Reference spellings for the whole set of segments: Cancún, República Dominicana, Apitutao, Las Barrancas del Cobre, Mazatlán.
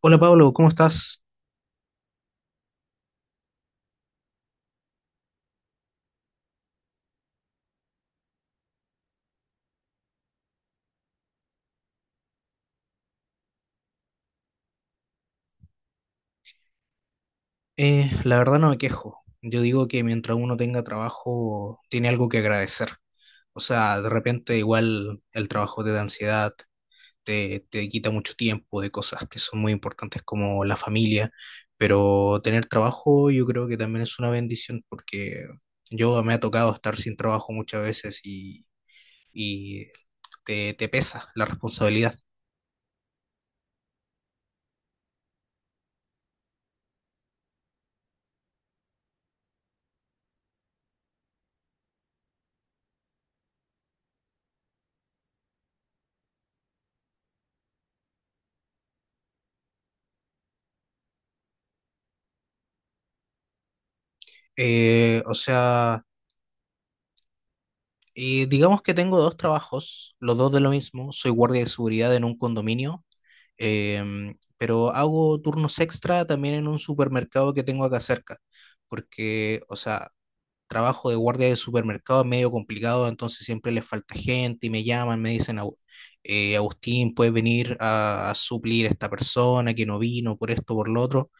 Hola Pablo, ¿cómo estás? La verdad no me quejo. Yo digo que mientras uno tenga trabajo, tiene algo que agradecer. O sea, de repente igual el trabajo te da ansiedad, te quita mucho tiempo de cosas que son muy importantes como la familia, pero tener trabajo yo creo que también es una bendición porque yo me ha tocado estar sin trabajo muchas veces y te pesa la responsabilidad. Eh, o sea... Y digamos que tengo dos trabajos, los dos de lo mismo. Soy guardia de seguridad en un condominio, pero hago turnos extra también en un supermercado que tengo acá cerca, porque, o sea, trabajo de guardia de supermercado es medio complicado, entonces siempre les falta gente y me llaman, me dicen, Agustín, puedes venir a suplir a esta persona que no vino por esto, por lo otro".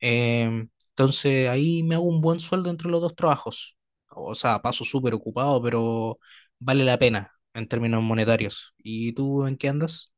Entonces ahí me hago un buen sueldo entre los dos trabajos. O sea, paso súper ocupado, pero vale la pena en términos monetarios. ¿Y tú en qué andas?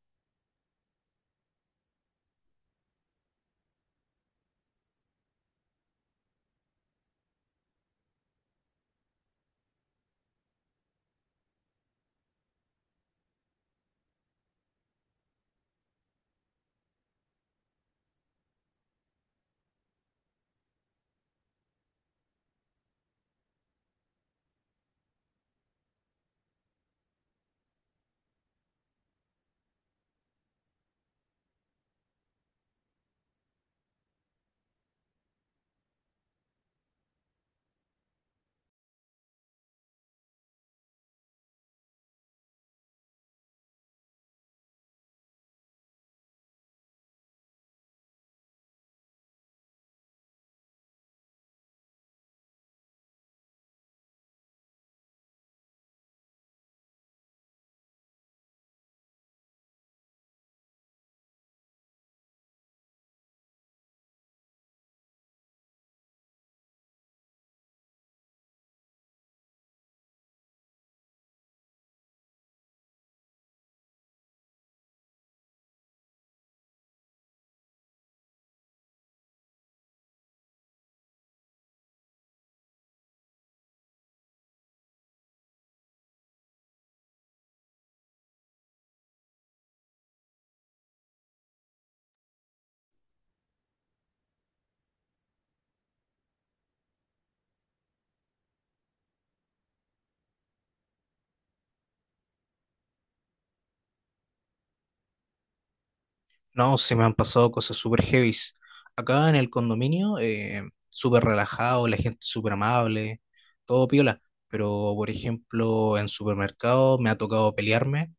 No, se me han pasado cosas súper heavies. Acá en el condominio, súper relajado, la gente súper amable, todo piola. Pero, por ejemplo, en supermercado me ha tocado pelearme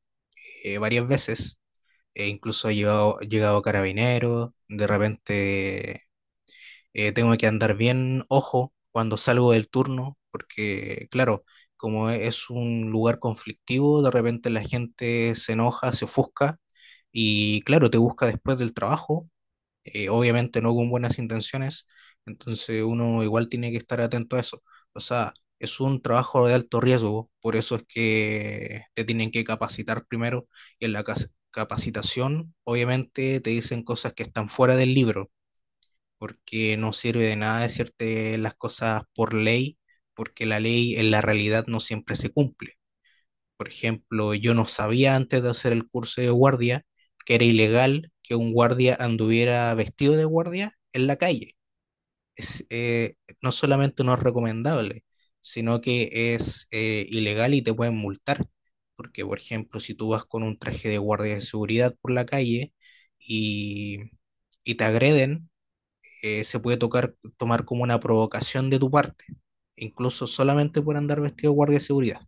varias veces. E incluso ha llegado, carabinero, de repente. Tengo que andar bien ojo cuando salgo del turno, porque claro, como es un lugar conflictivo, de repente la gente se enoja, se ofusca y claro, te busca después del trabajo, obviamente no con buenas intenciones, entonces uno igual tiene que estar atento a eso. O sea, es un trabajo de alto riesgo, por eso es que te tienen que capacitar primero y en la capacitación obviamente te dicen cosas que están fuera del libro, porque no sirve de nada decirte las cosas por ley, porque la ley en la realidad no siempre se cumple. Por ejemplo, yo no sabía antes de hacer el curso de guardia que era ilegal que un guardia anduviera vestido de guardia en la calle. Es, eh, no solamente no es recomendable, sino que es ilegal y te pueden multar. Porque, por ejemplo, si tú vas con un traje de guardia de seguridad por la calle y, y te agreden, se puede tomar como una provocación de tu parte, incluso solamente por andar vestido de guardia de seguridad.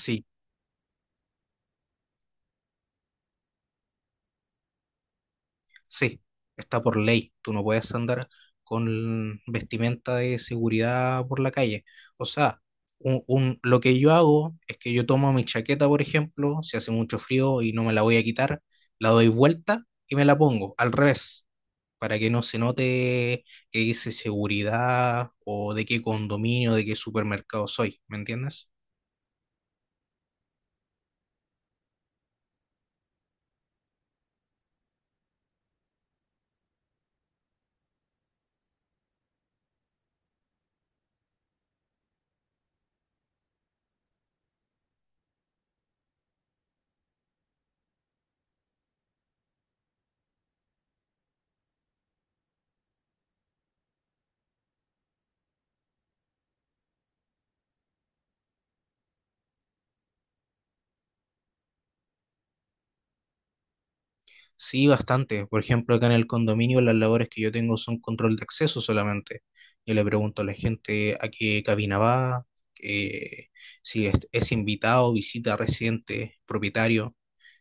Sí, sí, está por ley, tú no puedes andar con vestimenta de seguridad por la calle. O sea, lo que yo hago es que yo tomo mi chaqueta, por ejemplo, si hace mucho frío y no me la voy a quitar, la doy vuelta y me la pongo al revés, para que no se note que dice seguridad o de qué condominio, de qué supermercado soy, ¿me entiendes? Sí, bastante. Por ejemplo, acá en el condominio las labores que yo tengo son control de acceso solamente. Yo le pregunto a la gente a qué cabina va, eh, si es invitado, visita, residente, propietario.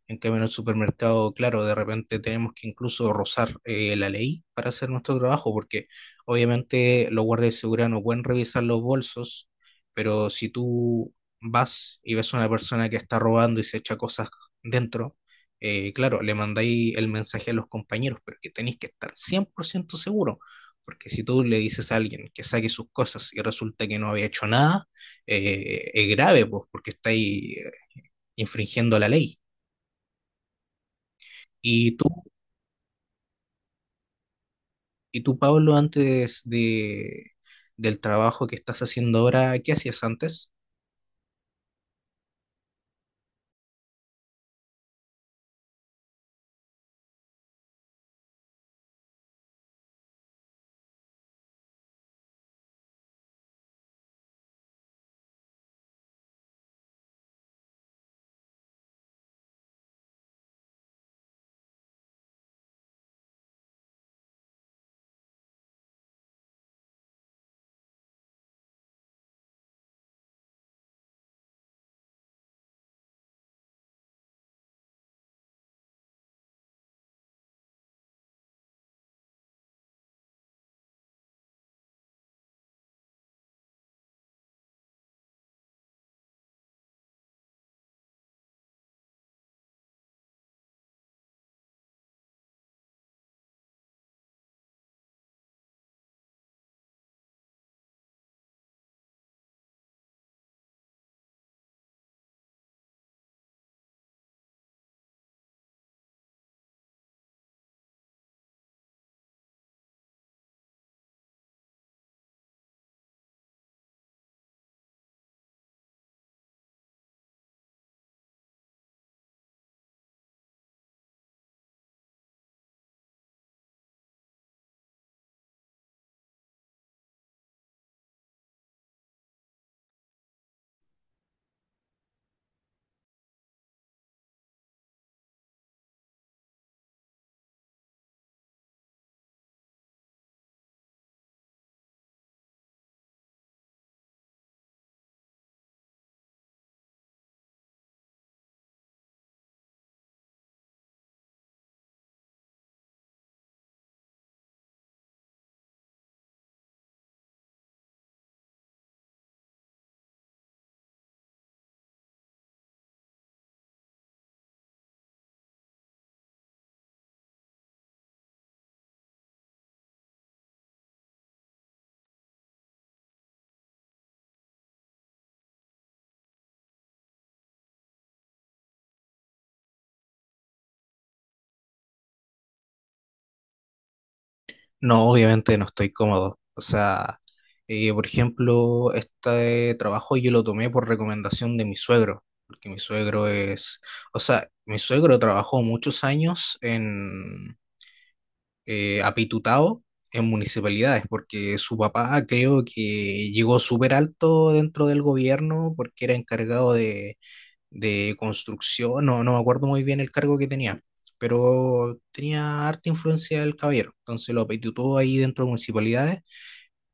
En cambio, en el supermercado, claro, de repente tenemos que incluso rozar la ley para hacer nuestro trabajo, porque obviamente los guardias de seguridad no pueden revisar los bolsos, pero si tú vas y ves a una persona que está robando y se echa cosas dentro, claro, le mandáis el mensaje a los compañeros, pero que tenéis que estar 100% seguro, porque si tú le dices a alguien que saque sus cosas y resulta que no había hecho nada, es grave, pues, porque estáis infringiendo la ley. ¿Y tú Y tú, Pablo, antes del trabajo que estás haciendo ahora, ¿qué hacías antes? No, obviamente no estoy cómodo. O sea, por ejemplo, este trabajo yo lo tomé por recomendación de mi suegro, porque mi suegro es, o sea, mi suegro trabajó muchos años en Apitutao, en municipalidades, porque su papá creo que llegó súper alto dentro del gobierno porque era encargado de construcción, no, no me acuerdo muy bien el cargo que tenía, pero tenía harta influencia del caballero, entonces lo apetitó ahí dentro de municipalidades,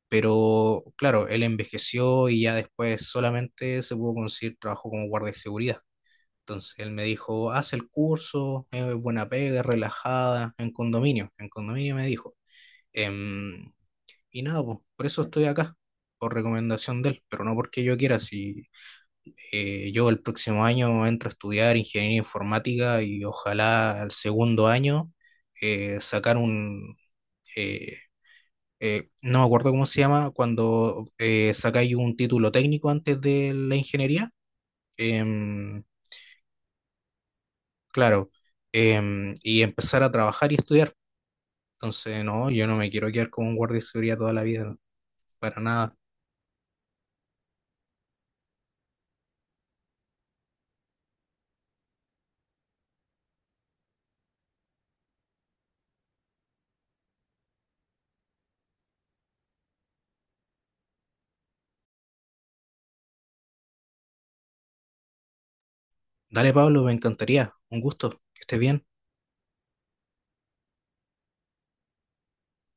pero claro, él envejeció y ya después solamente se pudo conseguir trabajo como guardia de seguridad. Entonces él me dijo, haz el curso, es buena pega, es relajada, en condominio me dijo. Em, y nada, po, por eso estoy acá, por recomendación de él, pero no porque yo quiera, si yo el próximo año entro a estudiar ingeniería informática y ojalá al segundo año sacar eh, no me acuerdo cómo se llama, cuando sacáis un título técnico antes de la ingeniería, em, claro, y empezar a trabajar y estudiar. Entonces, no, yo no me quiero quedar como un guardia de seguridad toda la vida, para nada. Dale, Pablo, me encantaría. Un gusto, que estés bien.